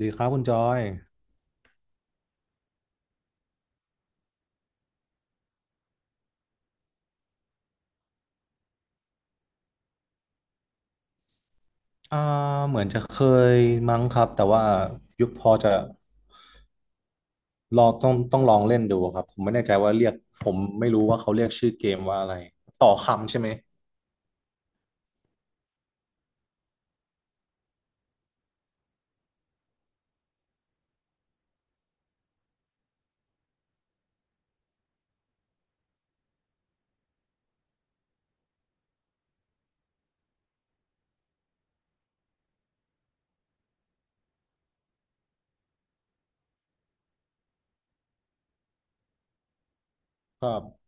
ดีครับคุณจอยอ่าเหมือนจะเคยมั้งครับแต่ว่ายุคพอจะลองต้องลองเล่นดูครับผมไม่แน่ใจว่าเรียกผมไม่รู้ว่าเขาเรียกชื่อเกมว่าอะไรต่อคำใช่ไหมครับ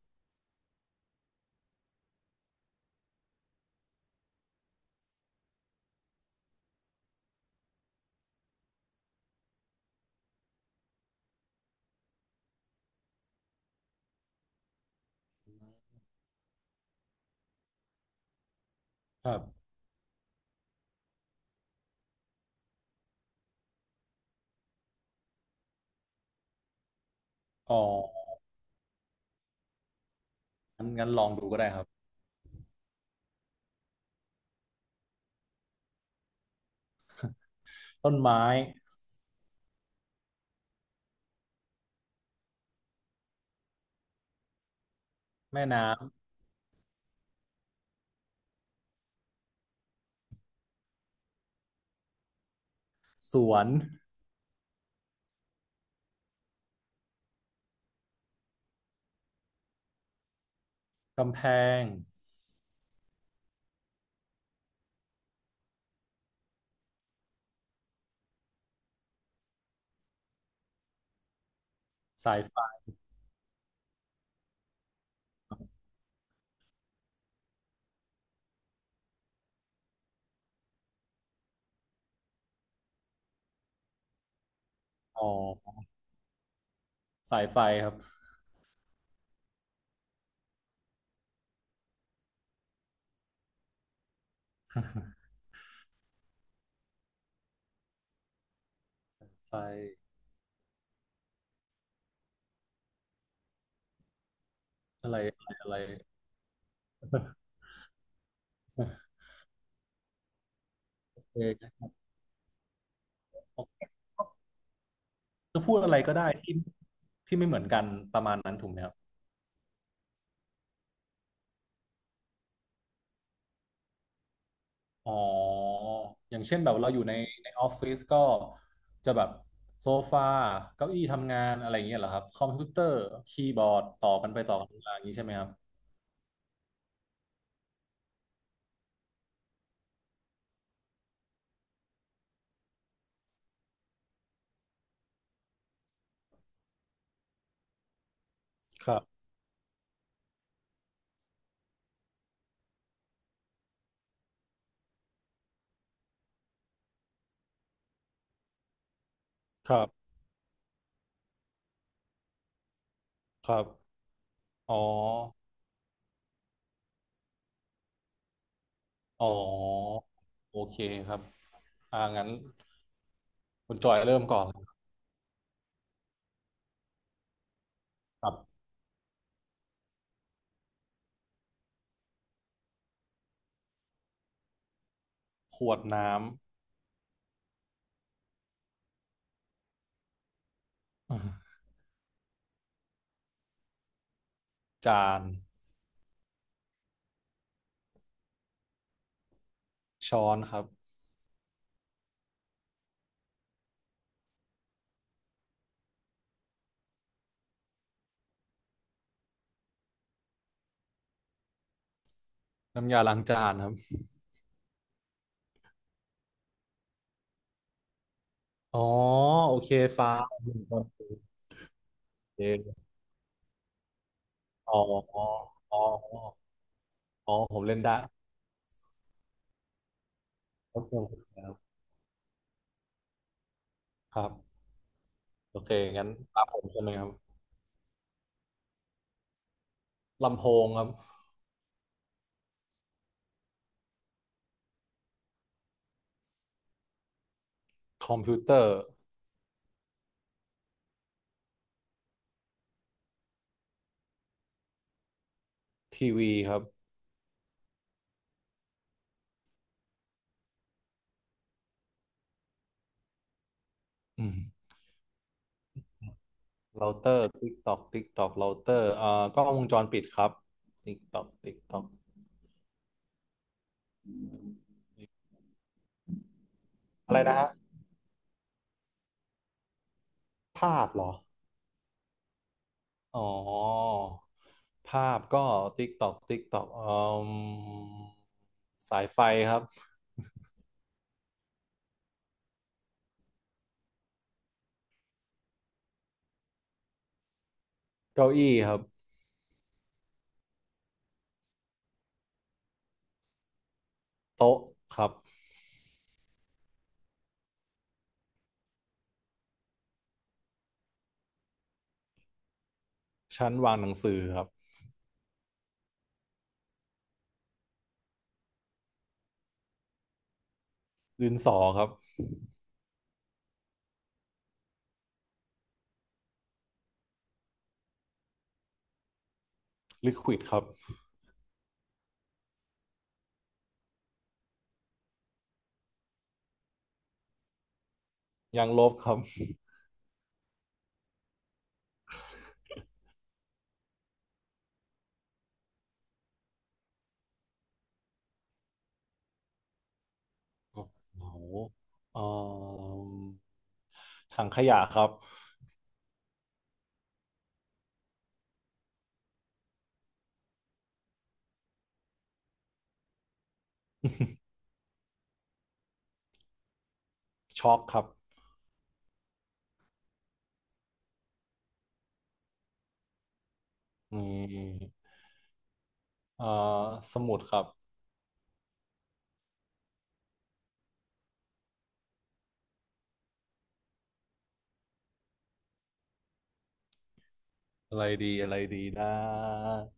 ครับอ๋องั้นงั้นลองดูก็ได้ครับต้นไม้แม่น้ำสวนกำแพงสายไฟอ๋อสายไฟครับไฟอะไรอะไรอะไรเออจะพูดอะไรก็ได้ที่ที่ไม่เหมือนกันประมาณนั้นถูกไหมครับ อ๋ออย่างเช่นแบบเราอยู่ในในออฟฟิศก็จะแบบโซฟาเก้าอี้ทำงานอะไรอย่างเงี้ยเหรอครับคอมพิวเตอร์คีย์บอร์ดต่อกันไปต่อกันมาอย่างนี้ใช่ไหมครับครับครับครับอ๋ออ๋อโอเคครับอ่างั้นคุณจอยเริ่มก่อนเลยครับขวดน้ำจานช้อนครับน้ำยาล้างจานครับอ๋อโอเคฟ้าหนึ่งตอนโอเคอ๋ออ๋ออ๋อผมเล่นได้ โอเคครับครับโอเคงั้นตามผมใช่ไหมครับลำโพงครับคอมพิวเตอร์ทีวีครับอืมเราเตอร์ติ๊กตอกติ๊กตอกเราเตอร์กล้องวงจรปิดครับติ๊กตอกติ๊กตอกอะไรนะฮะภาพเหรออ๋อภาพก็ติ๊กตอกติ๊กตอกอืมสายไฟครับเก้าอี้ครับโต๊ะครับชั้นวางหนังสือครับดินสอครับลิควิดครับยางลบครับ โอ้โหเอ่อถังขยะครับ ช็อกครับอืมเอ่อสมุดครับ อะไรดีอะไรดีนะ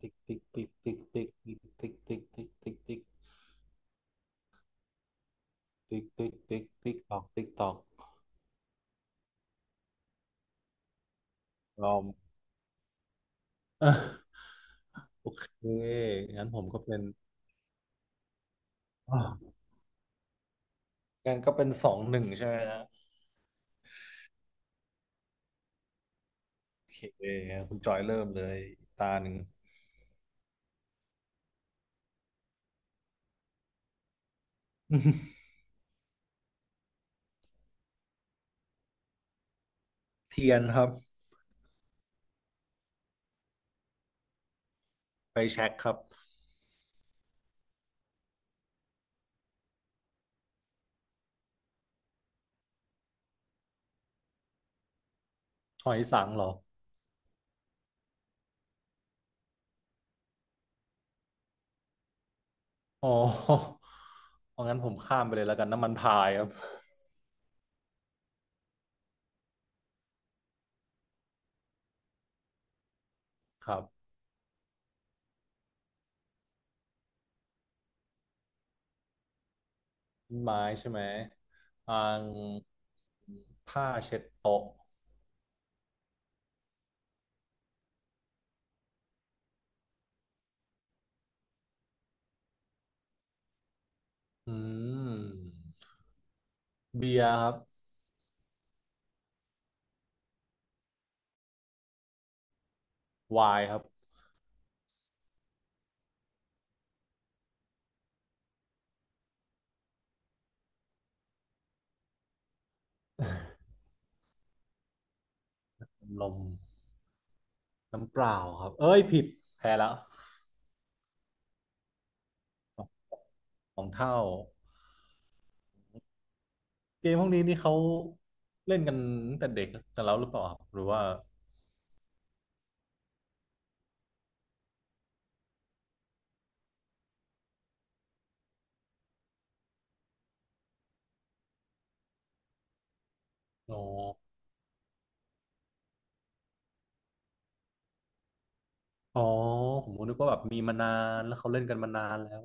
ติ๊กติ๊กติ๊กติ๊กติ๊กติ๊กติ๊กติ๊กติ๊กติ๊กติ๊กติ๊กติ๊กติ๊กตอกติ๊กตอกลอม โอเคงั้นผมก็เป็น งั้นก็เป็น2-1ใช่ไหมฮะโอเคคุณจอยเริ่มเลยตาหนึ่ง เทียนครับ ไปแช็กครับหอยสังเหรอ อ๋อเอางั้นผมข้ามไปเลยแล้วกันน้ำมันพายครับ ครับต้นไม้ใช่ไหมอ่างผ้าเช็ดโต๊ะอืมเบียร์ครับไวน์ครับลมน้ำเปล่าครับ เอ้ยผิดแพ้แล้วสองสองเท่าเกมพวกนี้นี่เขาเล่นกันตั้งแต่เด็กกันแล้วหรือเปล่าครับหรือว่า อ๋อ อ๋อผมนึกว่าแบบมีมานานแล้วเขาเล่นกันมานานแล้ว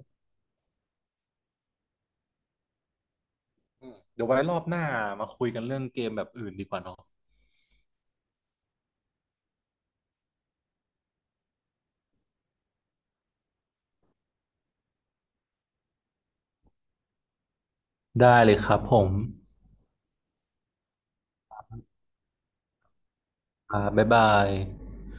อืมเดี๋ยวไว้รอบหน้ามาคุยกันเรื่องเกมแบบอื่นดีกว่าเนอะ ได้เลยครับผมอ่าบ๊ายบาย